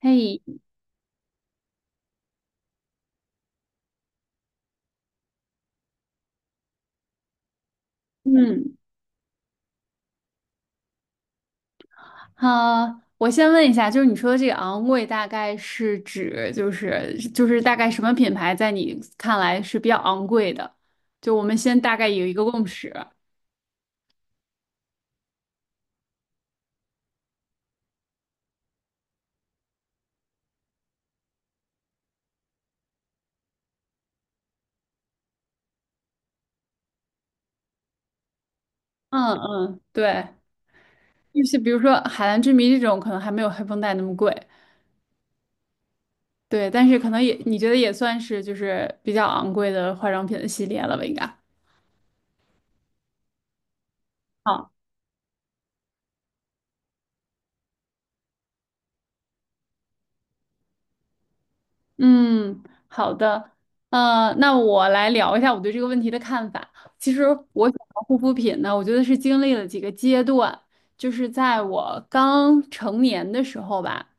嘿，嗯，好，我先问一下，就是你说的这个昂贵，大概是指就是大概什么品牌在你看来是比较昂贵的？就我们先大概有一个共识。嗯嗯，对，就是比如说《海蓝之谜》这种，可能还没有黑绷带那么贵，对，但是可能也你觉得也算是就是比较昂贵的化妆品的系列了吧，应该。嗯，好的，那我来聊一下我对这个问题的看法。其实我选择护肤品呢，我觉得是经历了几个阶段，就是在我刚成年的时候吧，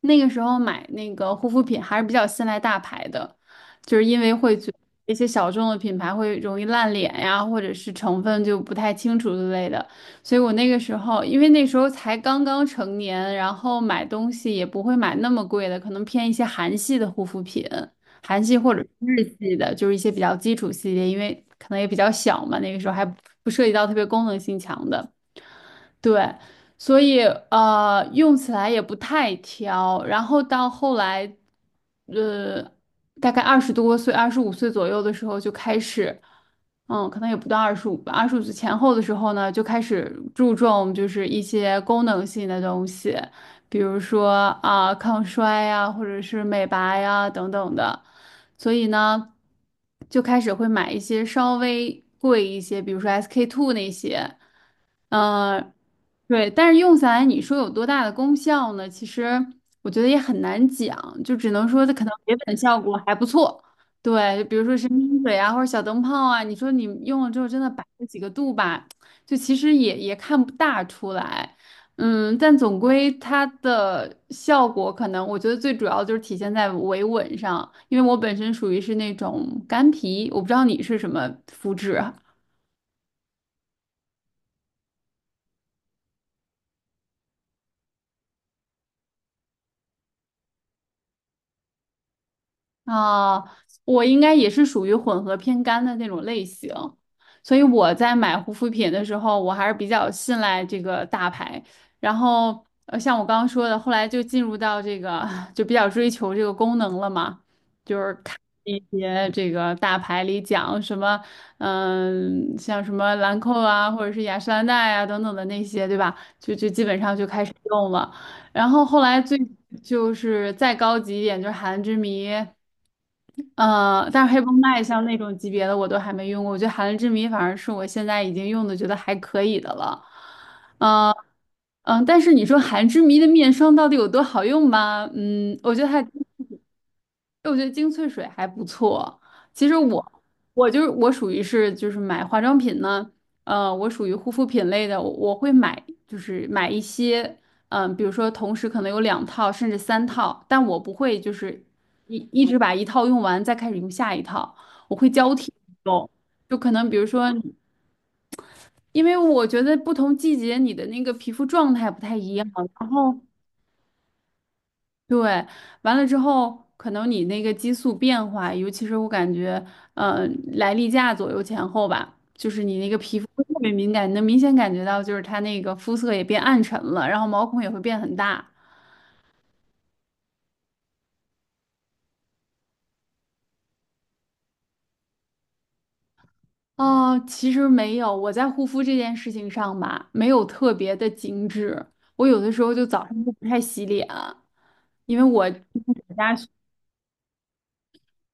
那个时候买那个护肤品还是比较信赖大牌的，就是因为会觉得一些小众的品牌会容易烂脸呀，或者是成分就不太清楚之类的。所以我那个时候，因为那时候才刚刚成年，然后买东西也不会买那么贵的，可能偏一些韩系的护肤品，韩系或者是日系的，就是一些比较基础系列，因为可能也比较小嘛，那个时候还不涉及到特别功能性强的。对，所以用起来也不太挑。然后到后来，呃，大概20多岁、二十五岁左右的时候就开始，可能也不到二十五吧，二十五岁前后的时候呢，就开始注重就是一些功能性的东西，比如说啊、抗衰呀，或者是美白呀等等的。所以呢，就开始会买一些稍微贵一些，比如说 SK-II 那些。嗯，对，但是用下来你说有多大的功效呢？其实我觉得也很难讲，就只能说它可能给本效果还不错。对，比如说神经水啊，或者小灯泡啊，你说你用了之后真的白了几个度吧，就其实也看不大出来。嗯，但总归它的效果可能，我觉得最主要就是体现在维稳上，因为我本身属于是那种干皮，我不知道你是什么肤质啊。啊，我应该也是属于混合偏干的那种类型，所以我在买护肤品的时候，我还是比较信赖这个大牌。然后，像我刚刚说的，后来就进入到这个，就比较追求这个功能了嘛，就是看一些这个大牌里讲什么，嗯，像什么兰蔻啊，或者是雅诗兰黛啊等等的那些，对吧？就基本上就开始用了。然后后来最就是再高级一点，就是韩之谜。但是黑绷带像那种级别的我都还没用过，我觉得含泪之谜反而是我现在已经用的觉得还可以的了。嗯、但是你说含之谜的面霜到底有多好用吗？嗯，我觉得还。哎我觉得精粹水还不错。其实我就是我属于是就是买化妆品呢，我属于护肤品类的，我会买就是买一些，比如说同时可能有2套甚至3套，但我不会就是一直把一套用完再开始用下一套，我会交替用，就可能比如说，因为我觉得不同季节你的那个皮肤状态不太一样，然后。对，完了之后，可能你那个激素变化，尤其是我感觉，嗯，来例假左右前后吧，就是你那个皮肤会特别敏感，你能明显感觉到，就是它那个肤色也变暗沉了，然后毛孔也会变很大。哦，其实没有，我在护肤这件事情上吧，没有特别的精致，我有的时候就早上就不太洗脸啊，因为我。家。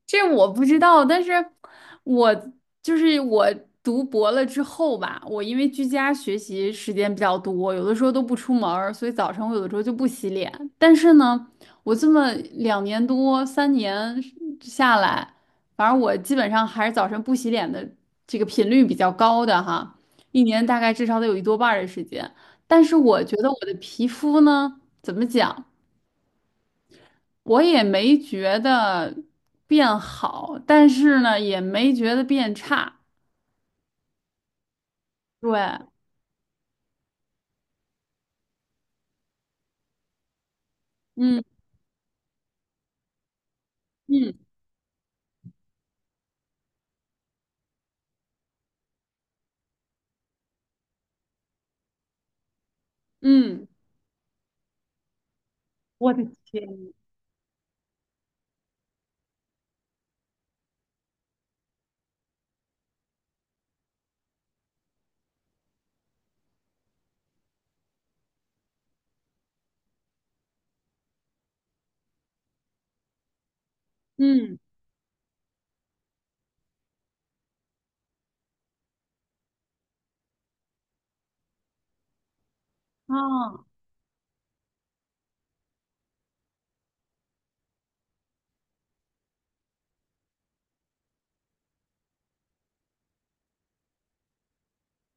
这我不知道，但是我就是我读博了之后吧，我因为居家学习时间比较多，有的时候都不出门儿所以早晨我有的时候就不洗脸。但是呢，我这么2年多3年下来，反正我基本上还是早晨不洗脸的这个频率比较高的哈，一年大概至少得有一多半儿的时间。但是我觉得我的皮肤呢，怎么讲？我也没觉得变好，但是呢，也没觉得变差。对，嗯嗯嗯，我的天，嗯啊，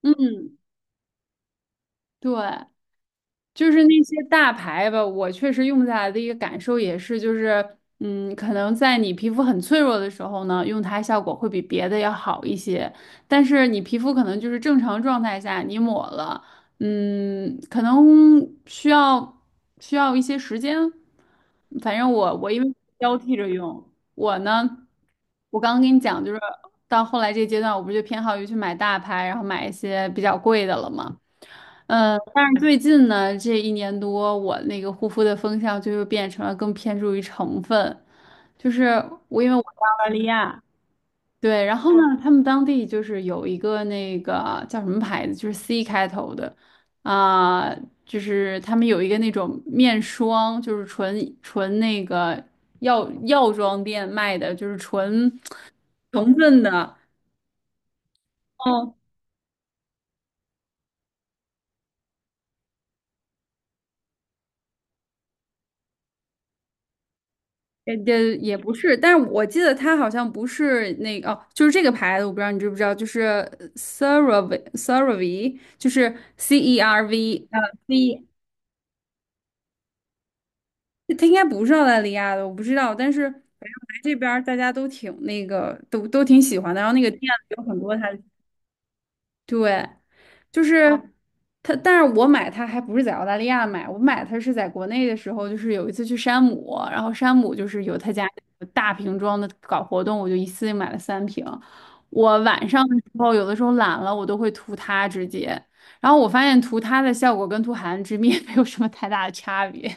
嗯，对。就是那些大牌吧，我确实用下来的一个感受也是，就是，可能在你皮肤很脆弱的时候呢，用它效果会比别的要好一些。但是你皮肤可能就是正常状态下，你抹了，可能需要需要一些时间。反正我因为交替着用，我呢，我刚刚跟你讲，就是到后来这个阶段，我不就偏好于去买大牌，然后买一些比较贵的了吗？嗯，但是最近呢，这一年多，我那个护肤的风向就又变成了更偏重于成分，就是澳大利亚，对。然后呢，他们当地就是有一个那个叫什么牌子，就是 C 开头的，啊、就是他们有一个那种面霜，就是纯那个药妆店卖的，就是纯成分的。也不是，但是我记得它好像不是那个哦，就是这个牌子，我不知道你知不知道，就是 CeraVe，就是 C E R V V，它应该不是澳大利亚的，我不知道，但是反正来这边儿大家都挺那个，都挺喜欢的，然后那个店里有很多它，对。就是它，但是我买它还不是在澳大利亚买，我买它是在国内的时候，就是有一次去山姆，然后山姆就是有他家那个大瓶装的搞活动，我就一次性买了3瓶。我晚上的时候，有的时候懒了，我都会涂它直接，然后我发现涂它的效果跟涂海岸之蜜 没有什么太大的差别，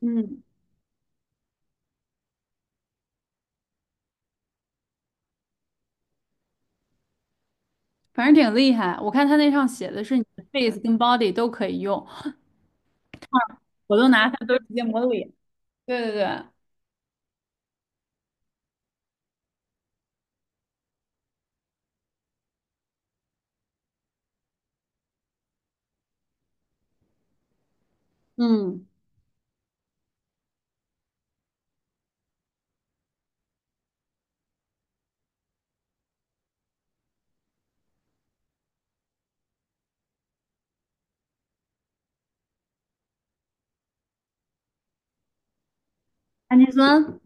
嗯，反正挺厉害。我看它那上写的是你的 face 跟 body 都可以用，我都拿它都直接抹脸。对对对，嗯，氨基酸，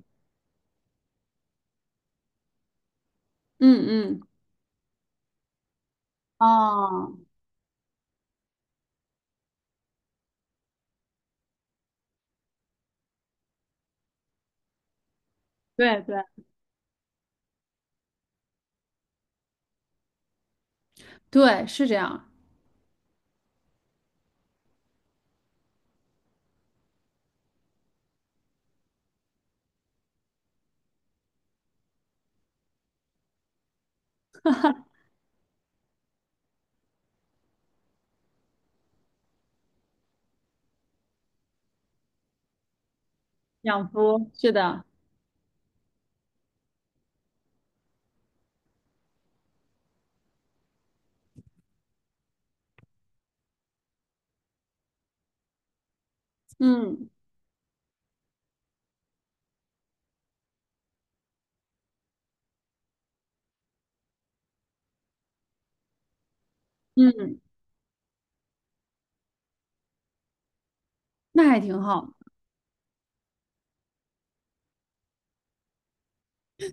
嗯嗯。哦，对对对，是这样，养肤是的，嗯嗯，那还挺好。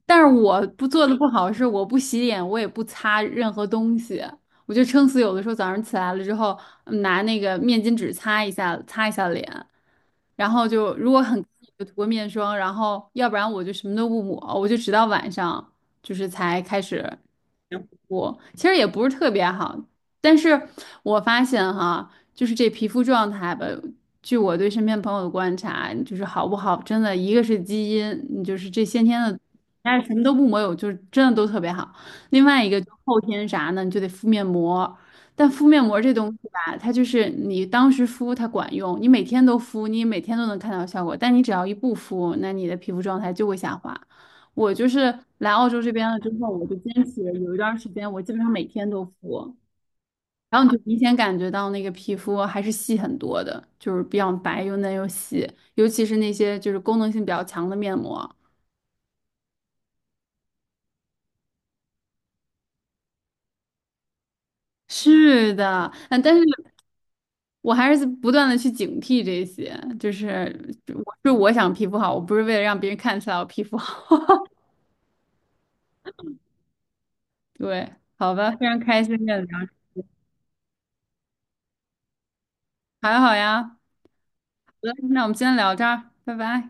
但是我不做的不好是我不洗脸，我也不擦任何东西，我就撑死有的时候早上起来了之后，拿那个面巾纸擦一下，擦一下脸，然后就如果很干就涂个面霜，然后要不然我就什么都不抹，我就直到晚上就是才开始。我其实也不是特别好。但是我发现哈，就是这皮肤状态吧，据我对身边朋友的观察，就是好不好，真的一个是基因，你就是这先天的，但是什么都不抹有，就是真的都特别好。另外一个就后天啥呢，你就得敷面膜。但敷面膜这东西吧，它就是你当时敷它管用，你每天都敷，你每天都能看到效果。但你只要一不敷，那你的皮肤状态就会下滑。我就是来澳洲这边了之后，我就坚持有一段时间，我基本上每天都敷，然后你就明显感觉到那个皮肤还是细很多的，就是比较白又嫩又细，尤其是那些就是功能性比较强的面膜。是的，但是我还是不断的去警惕这些，就是我是我想皮肤好，我不是为了让别人看起来我皮肤好。对，好吧，非常开心跟你聊，还好呀。好的，那我们今天聊这儿，拜拜。